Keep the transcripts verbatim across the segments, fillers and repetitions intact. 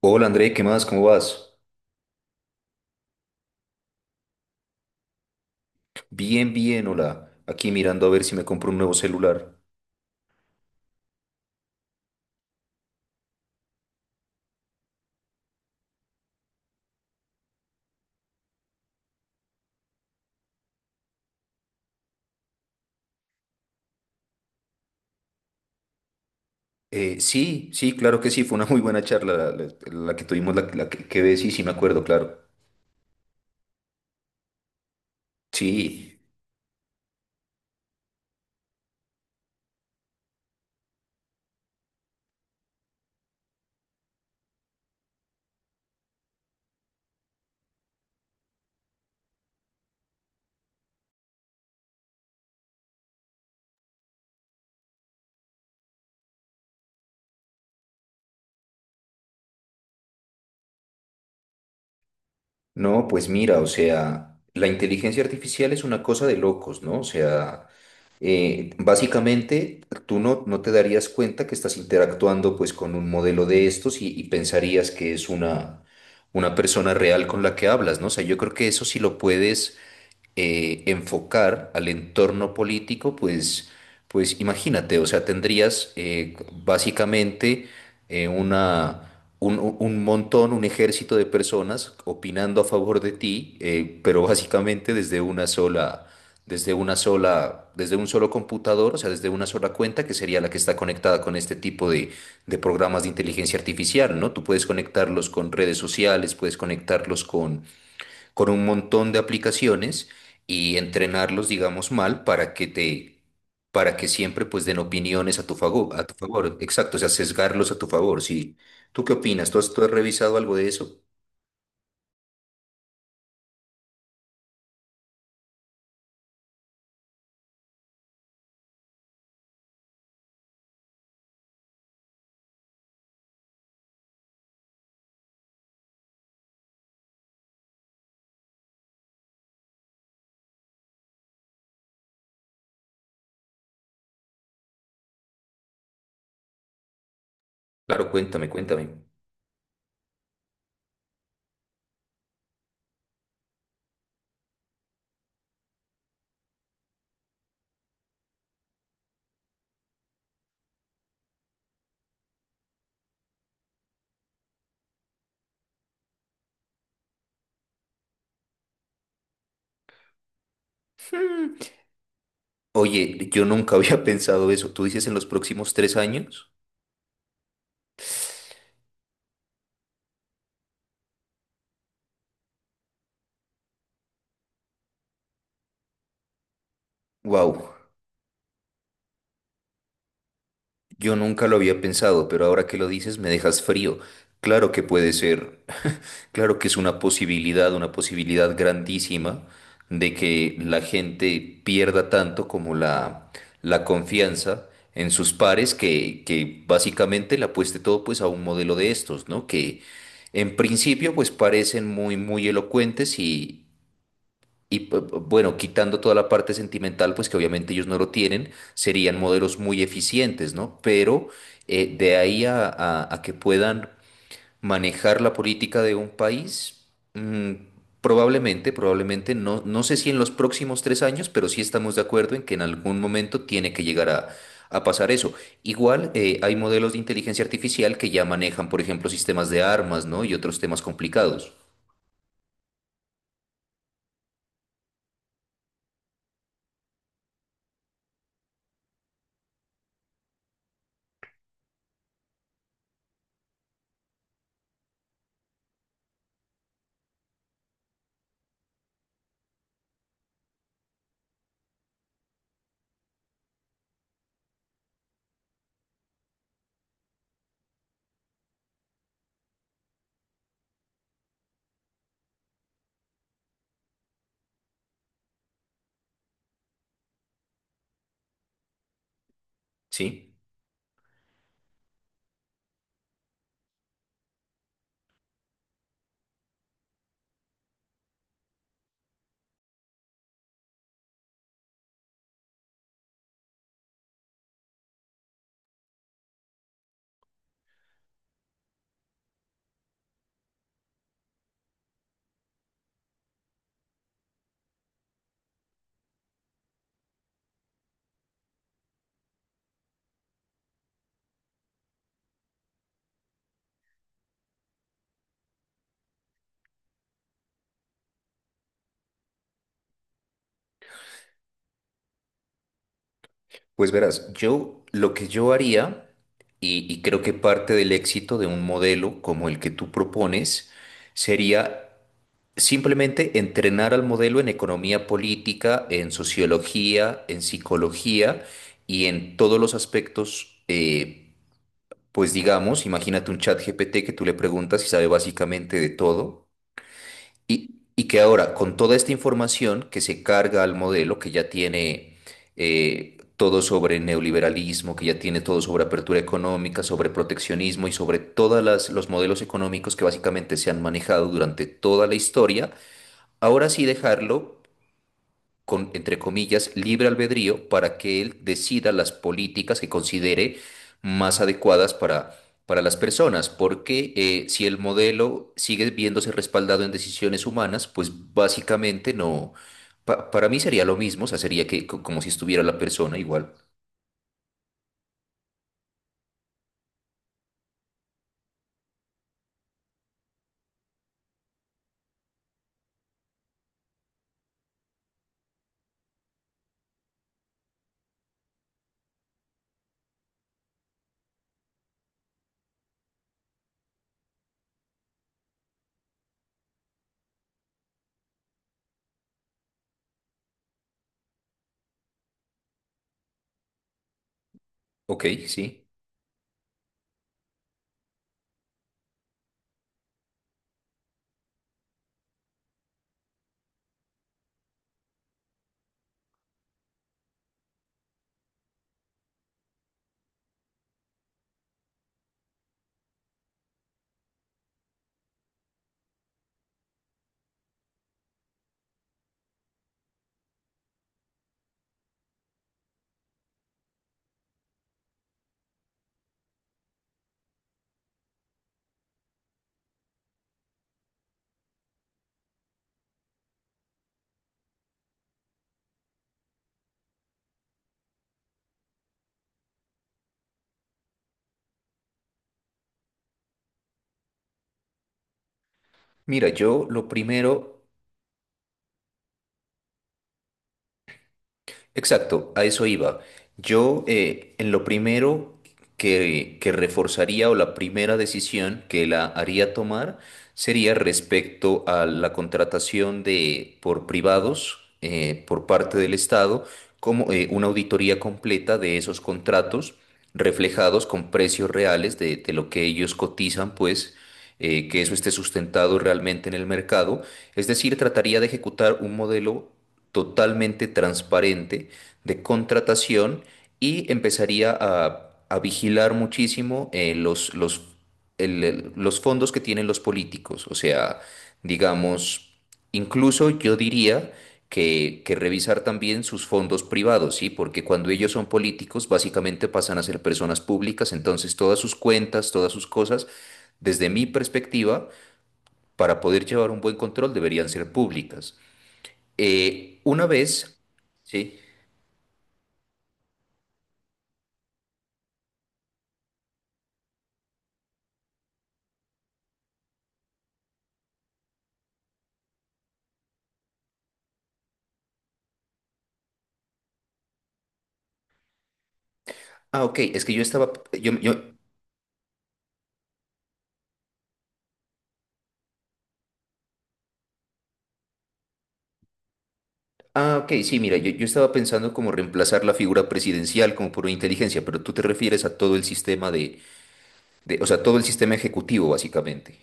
Hola André, ¿qué más? ¿Cómo vas? Bien, bien, hola. Aquí mirando a ver si me compro un nuevo celular. Eh, sí, sí, claro que sí, fue una muy buena charla la, la- la que tuvimos, la, la que, que ves, sí, sí me acuerdo, claro. Sí, no, pues mira, o sea, la inteligencia artificial es una cosa de locos, ¿no? O sea, eh, básicamente tú no, no te darías cuenta que estás interactuando pues con un modelo de estos y, y pensarías que es una, una persona real con la que hablas, ¿no? O sea, yo creo que eso sí lo puedes eh, enfocar al entorno político, pues, pues imagínate, o sea, tendrías eh, básicamente eh, una, un, un montón, un ejército de personas opinando a favor de ti, eh, pero básicamente desde una sola, desde una sola, desde un solo computador, o sea, desde una sola cuenta que sería la que está conectada con este tipo de, de programas de inteligencia artificial, ¿no? Tú puedes conectarlos con redes sociales, puedes conectarlos con un montón de aplicaciones y entrenarlos, digamos, mal para que te, para que siempre pues den opiniones a tu favor, a tu favor. Exacto, o sea, sesgarlos a tu favor. Sí. ¿Tú qué opinas? ¿Tú has, tú has revisado algo de eso? Claro, cuéntame, cuéntame. Hmm. Oye, yo nunca había pensado eso. ¿Tú dices en los próximos tres años? Wow, yo nunca lo había pensado, pero ahora que lo dices me dejas frío. Claro que puede ser. Claro que es una posibilidad, una posibilidad grandísima de que la gente pierda tanto como la, la confianza en sus pares que, que básicamente le apueste todo pues a un modelo de estos, ¿no? Que en principio pues parecen muy, muy elocuentes y, y p- p- bueno, quitando toda la parte sentimental pues que obviamente ellos no lo tienen, serían modelos muy eficientes, ¿no? Pero eh, de ahí a, a a que puedan manejar la política de un país, mm, probablemente, probablemente, no, no sé si en los próximos tres años, pero sí estamos de acuerdo en que en algún momento tiene que llegar a, a pasar eso. Igual eh, hay modelos de inteligencia artificial que ya manejan, por ejemplo, sistemas de armas, ¿no? Y otros temas complicados, ¿sí? Pues verás, yo lo que yo haría, y y creo que parte del éxito de un modelo como el que tú propones, sería simplemente entrenar al modelo en economía política, en sociología, en psicología y en todos los aspectos, eh, pues digamos, imagínate un chat G P T que tú le preguntas y sabe básicamente de todo y, y que ahora con toda esta información que se carga al modelo, que ya tiene eh, todo sobre neoliberalismo, que ya tiene todo sobre apertura económica, sobre proteccionismo y sobre todos los modelos económicos que básicamente se han manejado durante toda la historia. Ahora sí dejarlo con, entre comillas, libre albedrío para que él decida las políticas que considere más adecuadas para, para las personas, porque eh, si el modelo sigue viéndose respaldado en decisiones humanas, pues básicamente no, pa- para mí sería lo mismo, o sea, sería que co- como si estuviera la persona igual. Ok, sí. Mira, yo lo primero. Exacto, a eso iba. Yo, eh, en lo primero que, que reforzaría o la primera decisión que la haría tomar sería respecto a la contratación de por privados eh, por parte del Estado, como eh, una auditoría completa de esos contratos reflejados con precios reales de, de lo que ellos cotizan, pues eh, que eso esté sustentado realmente en el mercado. Es decir, trataría de ejecutar un modelo totalmente transparente de contratación y empezaría a, a vigilar muchísimo eh, los, los, el- el- los fondos que tienen los políticos. O sea, digamos, incluso yo diría que, que revisar también sus fondos privados, ¿sí? Porque cuando ellos son políticos, básicamente pasan a ser personas públicas, entonces todas sus cuentas, todas sus cosas, desde mi perspectiva, para poder llevar un buen control, deberían ser públicas. Eh, una vez, sí. Ah, ok, es que yo estaba, yo, yo, ah, ok, sí, mira, yo, yo estaba pensando como reemplazar la figura presidencial como por una inteligencia, pero tú te refieres a todo el sistema de, de, o sea, todo el sistema ejecutivo, básicamente.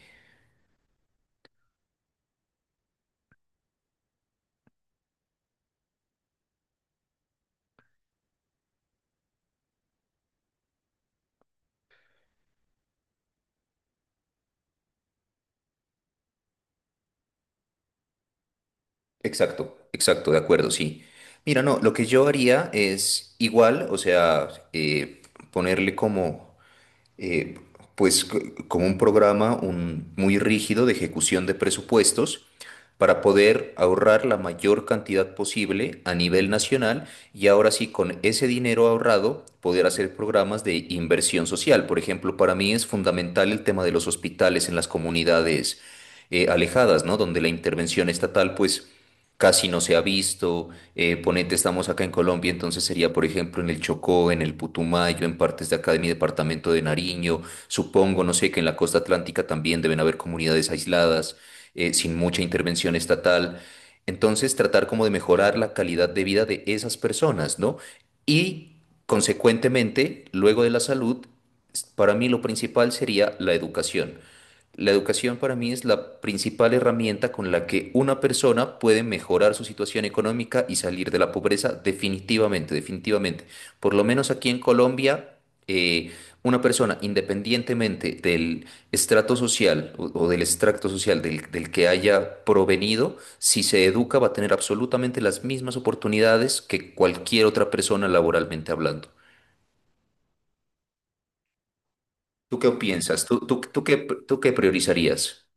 Exacto, exacto, de acuerdo, sí. Mira, no, lo que yo haría es igual, o sea, eh, ponerle como... eh, pues c- como un programa un- muy rígido de ejecución de presupuestos para poder ahorrar la mayor cantidad posible a nivel nacional y ahora sí con ese dinero ahorrado poder hacer programas de inversión social. Por ejemplo, para mí es fundamental el tema de los hospitales en las comunidades eh, alejadas, ¿no? Donde la intervención estatal pues casi no se ha visto. Eh, ponete, estamos acá en Colombia, entonces sería, por ejemplo, en el Chocó, en el Putumayo, en partes de acá de mi departamento de Nariño. Supongo, no sé, que en la Costa Atlántica también deben haber comunidades aisladas, eh, sin mucha intervención estatal. Entonces, tratar como de mejorar la calidad de vida de esas personas, ¿no? Y, consecuentemente, luego de la salud, s- para mí lo principal sería la educación. La educación para mí es la principal herramienta con la que una persona puede mejorar su situación económica y salir de la pobreza definitivamente, definitivamente. Por lo menos aquí en Colombia, eh, una persona independientemente del estrato social o, o del extracto social del, del que haya provenido, si se educa va a tener absolutamente las mismas oportunidades que cualquier otra persona laboralmente hablando. ¿Tú qué piensas? ¿Tú, tú, tú qué, tú qué priorizarías?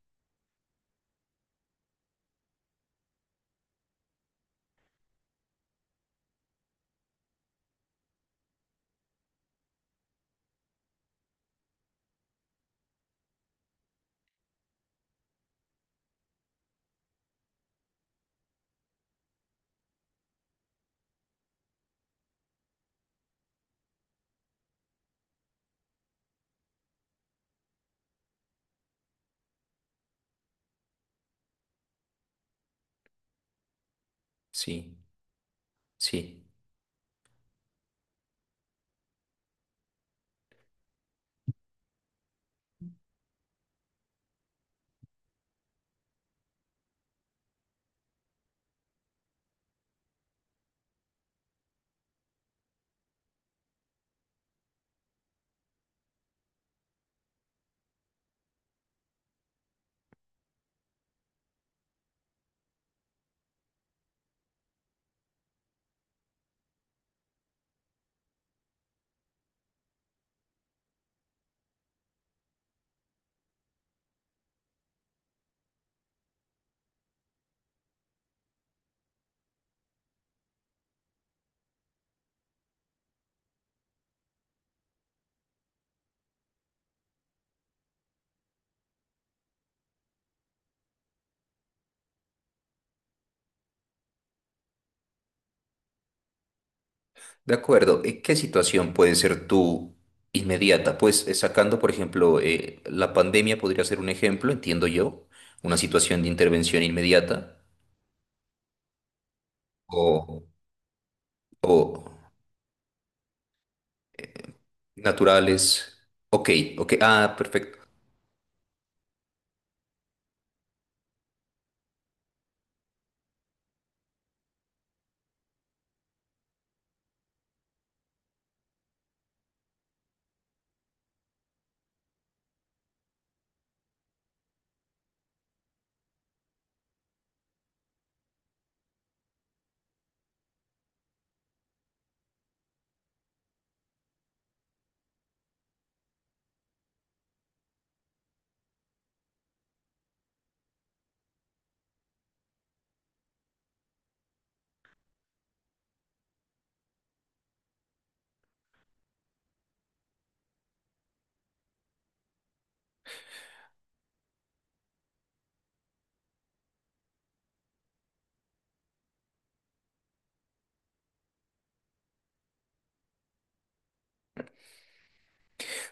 Sí, sí. De acuerdo, ¿Y ¿qué situación puede ser tú inmediata? Pues eh, sacando, por ejemplo, eh, la pandemia podría ser un ejemplo, entiendo yo, una situación de intervención inmediata o, o naturales. Ok, ok, ah, perfecto.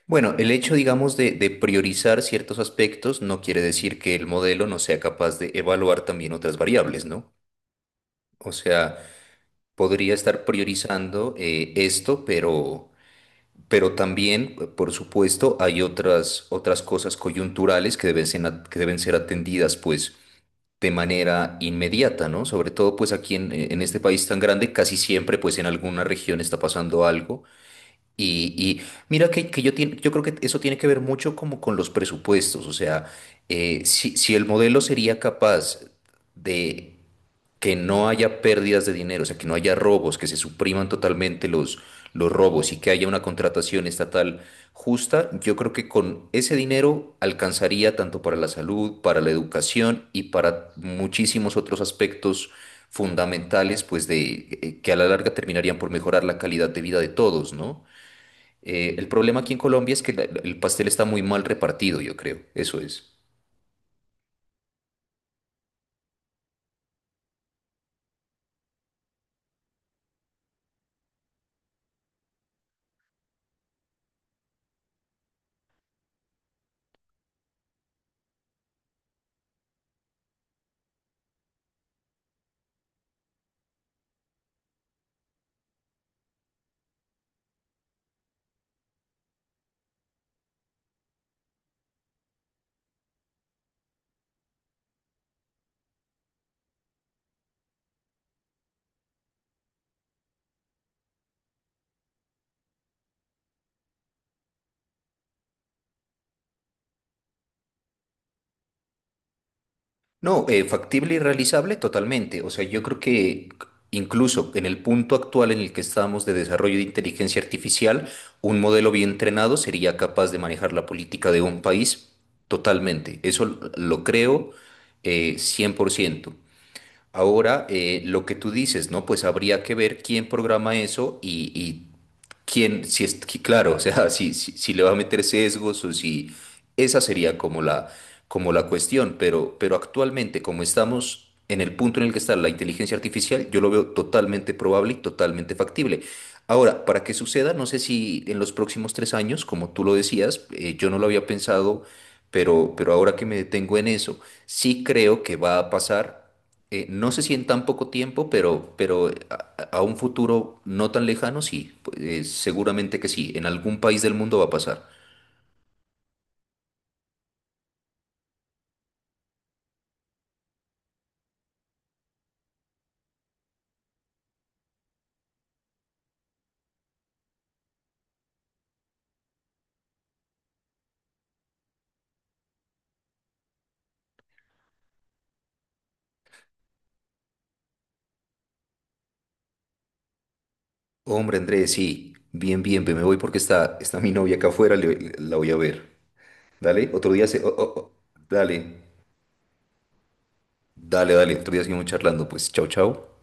Bueno, el hecho, digamos, de, de priorizar ciertos aspectos no quiere decir que el modelo no sea capaz de evaluar también otras variables, ¿no? O sea, podría estar priorizando eh, esto, pero. Pero también, por supuesto, hay otras, otras cosas coyunturales que deben ser, que deben ser atendidas, pues, de manera inmediata, ¿no? Sobre todo, pues, aquí en, en este país tan grande, casi siempre, pues, en alguna región está pasando algo. Y, y mira que, que yo, tien- yo creo que eso tiene que ver mucho como con los presupuestos. O sea, eh, si, si el modelo sería capaz de que no haya pérdidas de dinero, o sea, que no haya robos, que se supriman totalmente los, los robos y que haya una contratación estatal justa, yo creo que con ese dinero alcanzaría tanto para la salud, para la educación y para muchísimos otros aspectos fundamentales, pues de eh, que a la larga terminarían por mejorar la calidad de vida de todos, ¿no? Eh, el problema aquí en Colombia es que la- el pastel está muy mal repartido, yo creo, eso es. No, eh, factible y realizable totalmente. O sea, yo creo que incluso en el punto actual en el que estamos de desarrollo de inteligencia artificial, un modelo bien entrenado sería capaz de manejar la política de un país totalmente. Eso lo lo creo eh, cien por ciento. Ahora, eh, lo que tú dices, ¿no? Pues habría que ver quién programa eso y, y quién, si es que- claro, o sea, si, si, si le va a meter sesgos o si esa sería como la, como la cuestión, pero, pero actualmente como estamos en el punto en el que está la inteligencia artificial, yo lo veo totalmente probable y totalmente factible. Ahora, para que suceda, no sé si en los próximos tres años, como tú lo decías, eh, yo no lo había pensado, pero, pero ahora que me detengo en eso, sí creo que va a pasar eh, no sé si en tan poco tiempo, pero, pero a, a- a un futuro no tan lejano, sí, pues, eh, seguramente que sí, en algún país del mundo va a pasar. Hombre, Andrés, sí, bien, bien, ve, me voy porque está, está mi novia acá afuera, le- la voy a ver. Dale, otro día se... o- o- o- dale, dale, dale, otro día seguimos charlando, pues, chao, chao.